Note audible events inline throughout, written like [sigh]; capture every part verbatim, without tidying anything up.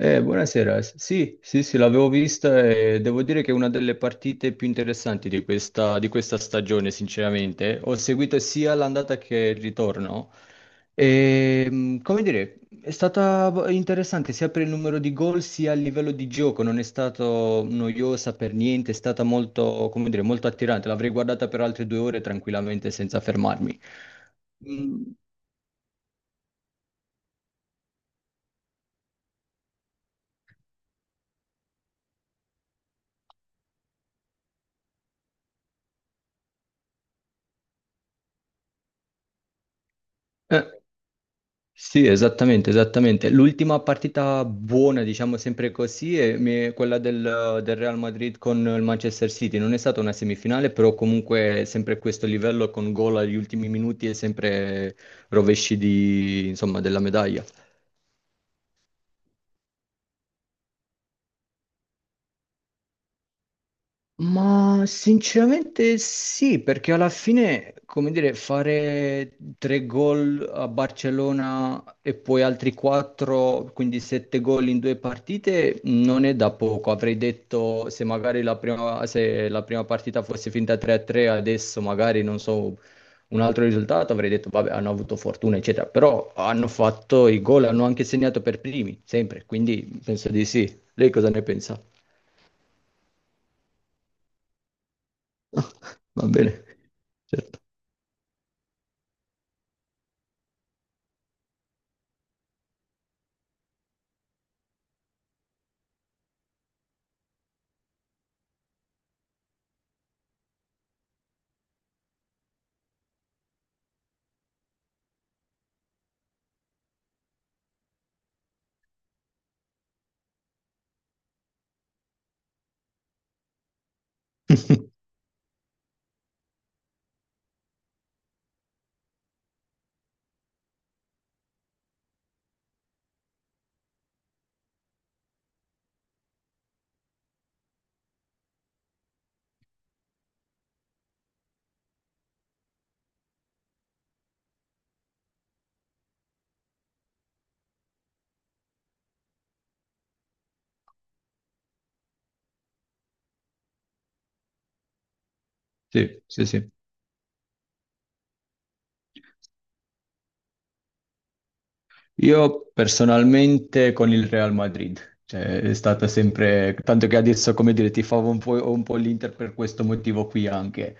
Eh, buonasera. S- sì, sì, sì, l'avevo vista e devo dire che è una delle partite più interessanti di questa, di questa stagione, sinceramente. Ho seguito sia l'andata che il ritorno e, mh, come dire, è stata v- interessante sia per il numero di gol sia a livello di gioco, non è stata noiosa per niente, è stata molto, come dire, molto attirante. L'avrei guardata per altre due ore tranquillamente senza fermarmi. Mm, eh, Sì, esattamente, esattamente. L'ultima partita buona, diciamo sempre così, è mi- è quella del, del Real Madrid con il Manchester City. Non è stata una semifinale, però comunque sempre questo livello con gol agli ultimi minuti e sempre rovesci di, insomma, della medaglia. Ma sinceramente sì, perché alla fine, come dire, fare tre gol a Barcellona e poi altri quattro, quindi sette gol in due partite, non è da poco. Avrei detto se magari la prima, se la prima partita fosse finta tre a tre, adesso magari non so, un altro risultato, avrei detto vabbè, hanno avuto fortuna, eccetera. Però hanno fatto i gol, hanno anche segnato per primi, sempre, quindi penso di sì. Lei cosa ne pensa? [laughs] Va bene. Certo. [laughs] Sì, sì, sì. Io personalmente con il Real Madrid, cioè è stata sempre, tanto che adesso, come dire, tifavo un po', un po' l'Inter per questo motivo qui anche.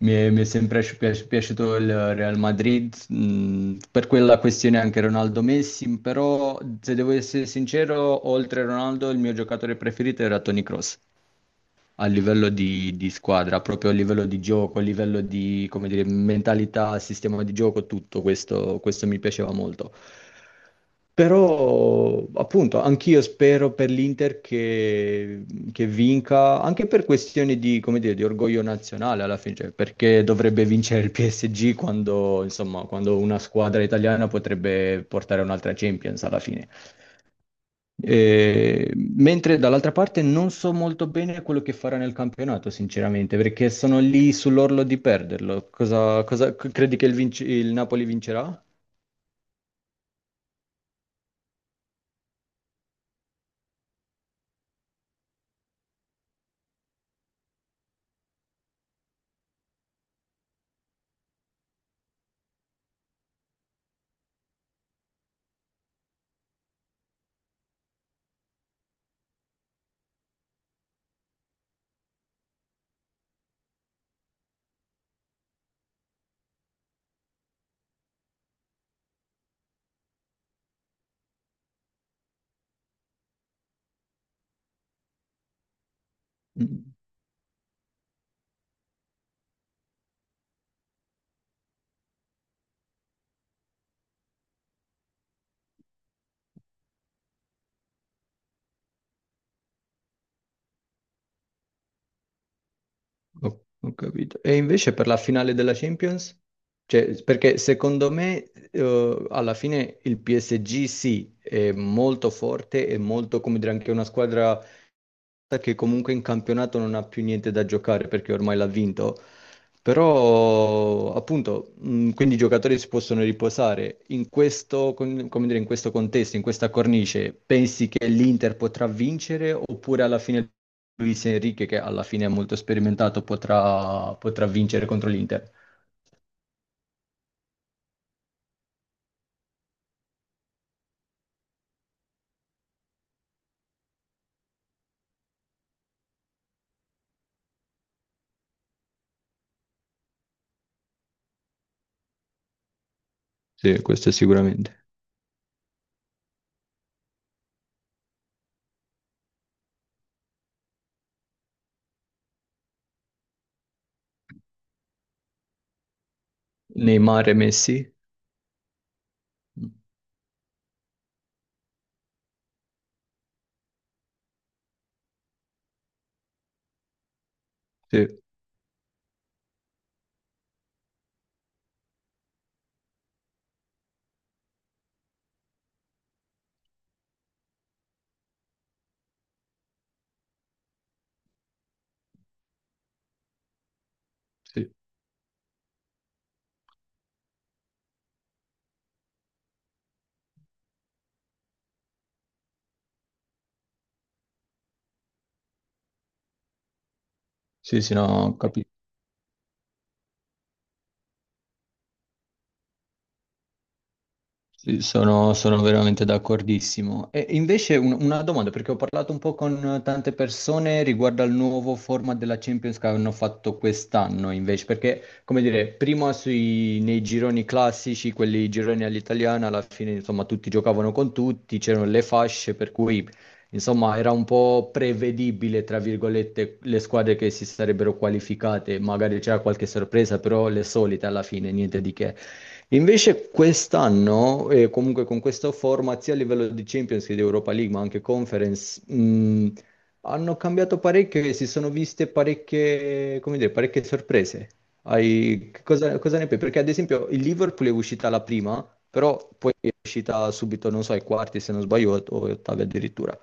Mi è, mi è sempre pi- pi- piaciuto il Real Madrid, mh, per quella questione anche Ronaldo Messi, però se devo essere sincero, oltre a Ronaldo, il mio giocatore preferito era Toni Kroos. A livello di, di squadra, proprio a livello di gioco, a livello di, come dire, mentalità, sistema di gioco, tutto questo, questo mi piaceva molto. Però, appunto, anch'io spero per l'Inter che, che vinca, anche per questioni di, come dire, di orgoglio nazionale alla fine, cioè, perché dovrebbe vincere il P S G quando, insomma, quando una squadra italiana potrebbe portare un'altra Champions alla fine. Eh, mentre dall'altra parte non so molto bene quello che farà nel campionato, sinceramente, perché sono lì sull'orlo di perderlo. Cosa, cosa- c- credi che il, vinci- il Napoli vincerà? Mm, ho, ho capito. E invece per la finale della Champions? Cioè, perché secondo me, eh, alla fine il P S G sì, è molto forte, è molto, come dire, anche una squadra che comunque in campionato non ha più niente da giocare perché ormai l'ha vinto. Però, appunto, mh, quindi i giocatori si possono riposare. In questo, con- come dire, in questo contesto, in questa cornice, pensi che l'Inter potrà vincere oppure alla fine Luis Enrique, che alla fine è molto sperimentato, potrà, potrà vincere contro l'Inter? Sì, questo sicuramente. Neymar e Messi? Sì, sì, sì, sì, no, ho capito. Sì, sono, sono veramente d'accordissimo. E invece un- una domanda, perché ho parlato un po' con tante persone riguardo al nuovo format della Champions che hanno fatto quest'anno, invece, perché, come dire, prima sui- nei gironi classici, quelli gironi all'italiana, alla fine, insomma, tutti giocavano con tutti, c'erano le fasce, per cui, insomma, era un po' prevedibile, tra virgolette, le squadre che si sarebbero qualificate, magari c'era qualche sorpresa, però le solite alla fine, niente di che. Invece quest'anno, e comunque con questa format, sia a livello di Champions che di Europa League, ma anche Conference, mh, hanno cambiato parecchio e si sono viste parecchie, come dire, parecchie sorprese. Hai- che cosa, cosa ne pensi? Perché ad esempio il Liverpool è uscita la prima, però poi è uscita subito, non so, ai quarti se non sbaglio, o o ottavi addirittura.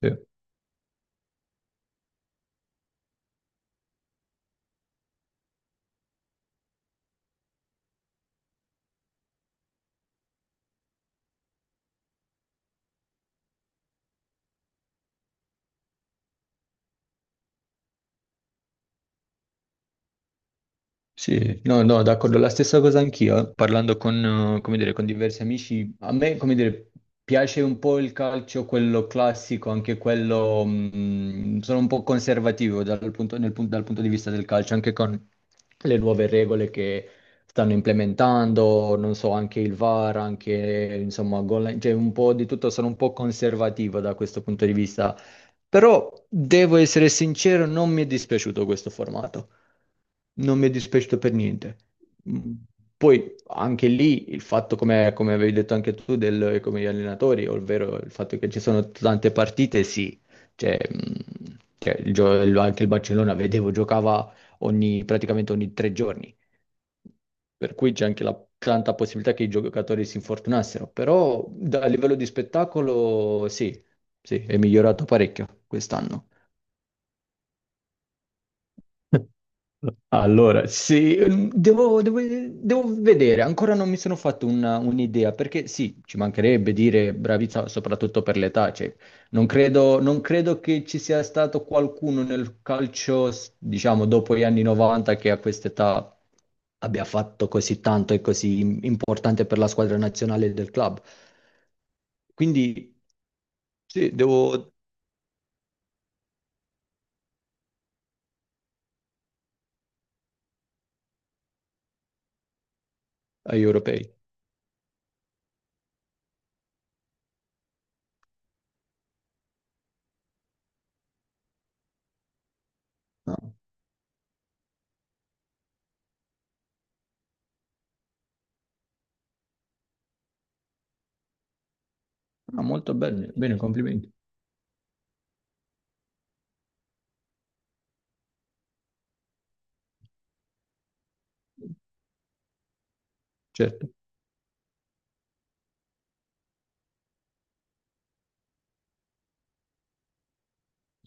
Sì. Sì, no, no, d'accordo, la stessa cosa anch'io, eh. Parlando con, eh, come dire, con diversi amici, a me, come dire, piace un po' il calcio, quello classico, anche quello, mh, sono un po' conservativo dal punto, nel pun- dal punto di vista del calcio, anche con le nuove regole che stanno implementando, non so, anche il V A R, anche, insomma, gol line, cioè un po' di tutto, sono un po' conservativo da questo punto di vista, però devo essere sincero, non mi è dispiaciuto questo formato. Non mi è dispiaciuto per niente. Mm. Poi anche lì il fatto, come, come avevi detto anche tu, del, come gli allenatori, ovvero il fatto che ci sono tante partite, sì. Cioè, mm, cioè, il gio- il- anche il Barcellona, vedevo, giocava ogni- praticamente ogni tre giorni. Per cui c'è anche la tanta possibilità che i giocatori si infortunassero. Però da- a livello di spettacolo, sì, sì, è migliorato parecchio quest'anno. [laughs] Allora, sì, ehm, devo, devo- devo vedere, ancora non mi sono fatto una- un'idea, perché sì, ci mancherebbe dire bravizza soprattutto per l'età, cioè, non credo, non credo che ci sia stato qualcuno nel calcio, s- diciamo, dopo gli anni novanta che a quest'età abbia fatto così tanto e così im- importante per la squadra nazionale del club. Quindi sì, devo agli europei. No, no, molto bene, bene, complimenti. Certo.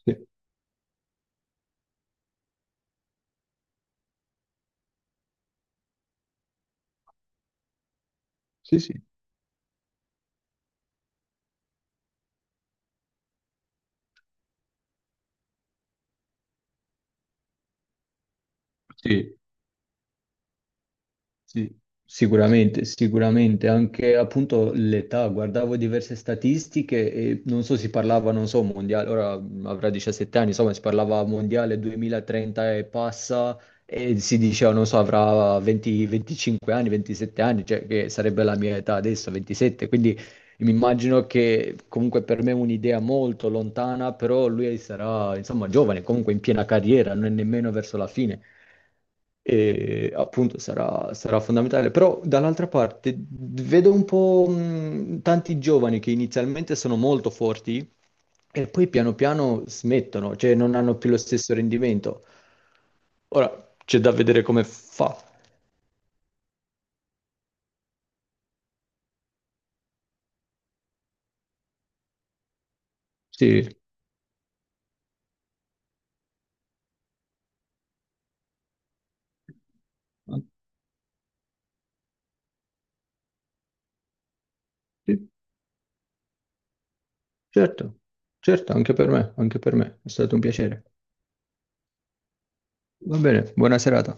Sì. Sì, sì, sì, sì, sicuramente, sicuramente, anche appunto l'età, guardavo diverse statistiche e non so, si parlava, non so, mondiale, ora mh, avrà diciassette anni, insomma, si parlava mondiale duemilatrenta e passa e si diceva, non so, avrà venti, venticinque anni, ventisette anni, cioè che sarebbe la mia età adesso, ventisette, quindi mi immagino che comunque per me è un'idea molto lontana, però lui sarà, insomma, giovane, comunque in piena carriera, non è nemmeno verso la fine. E appunto sarà, sarà fondamentale. Però dall'altra parte vedo un po' mh, tanti giovani che inizialmente sono molto forti e poi piano piano smettono, cioè non hanno più lo stesso rendimento. Ora c'è da vedere come fa. Sì, sì, certo, certo, anche per me, anche per me, è stato un piacere. Va bene, buona serata.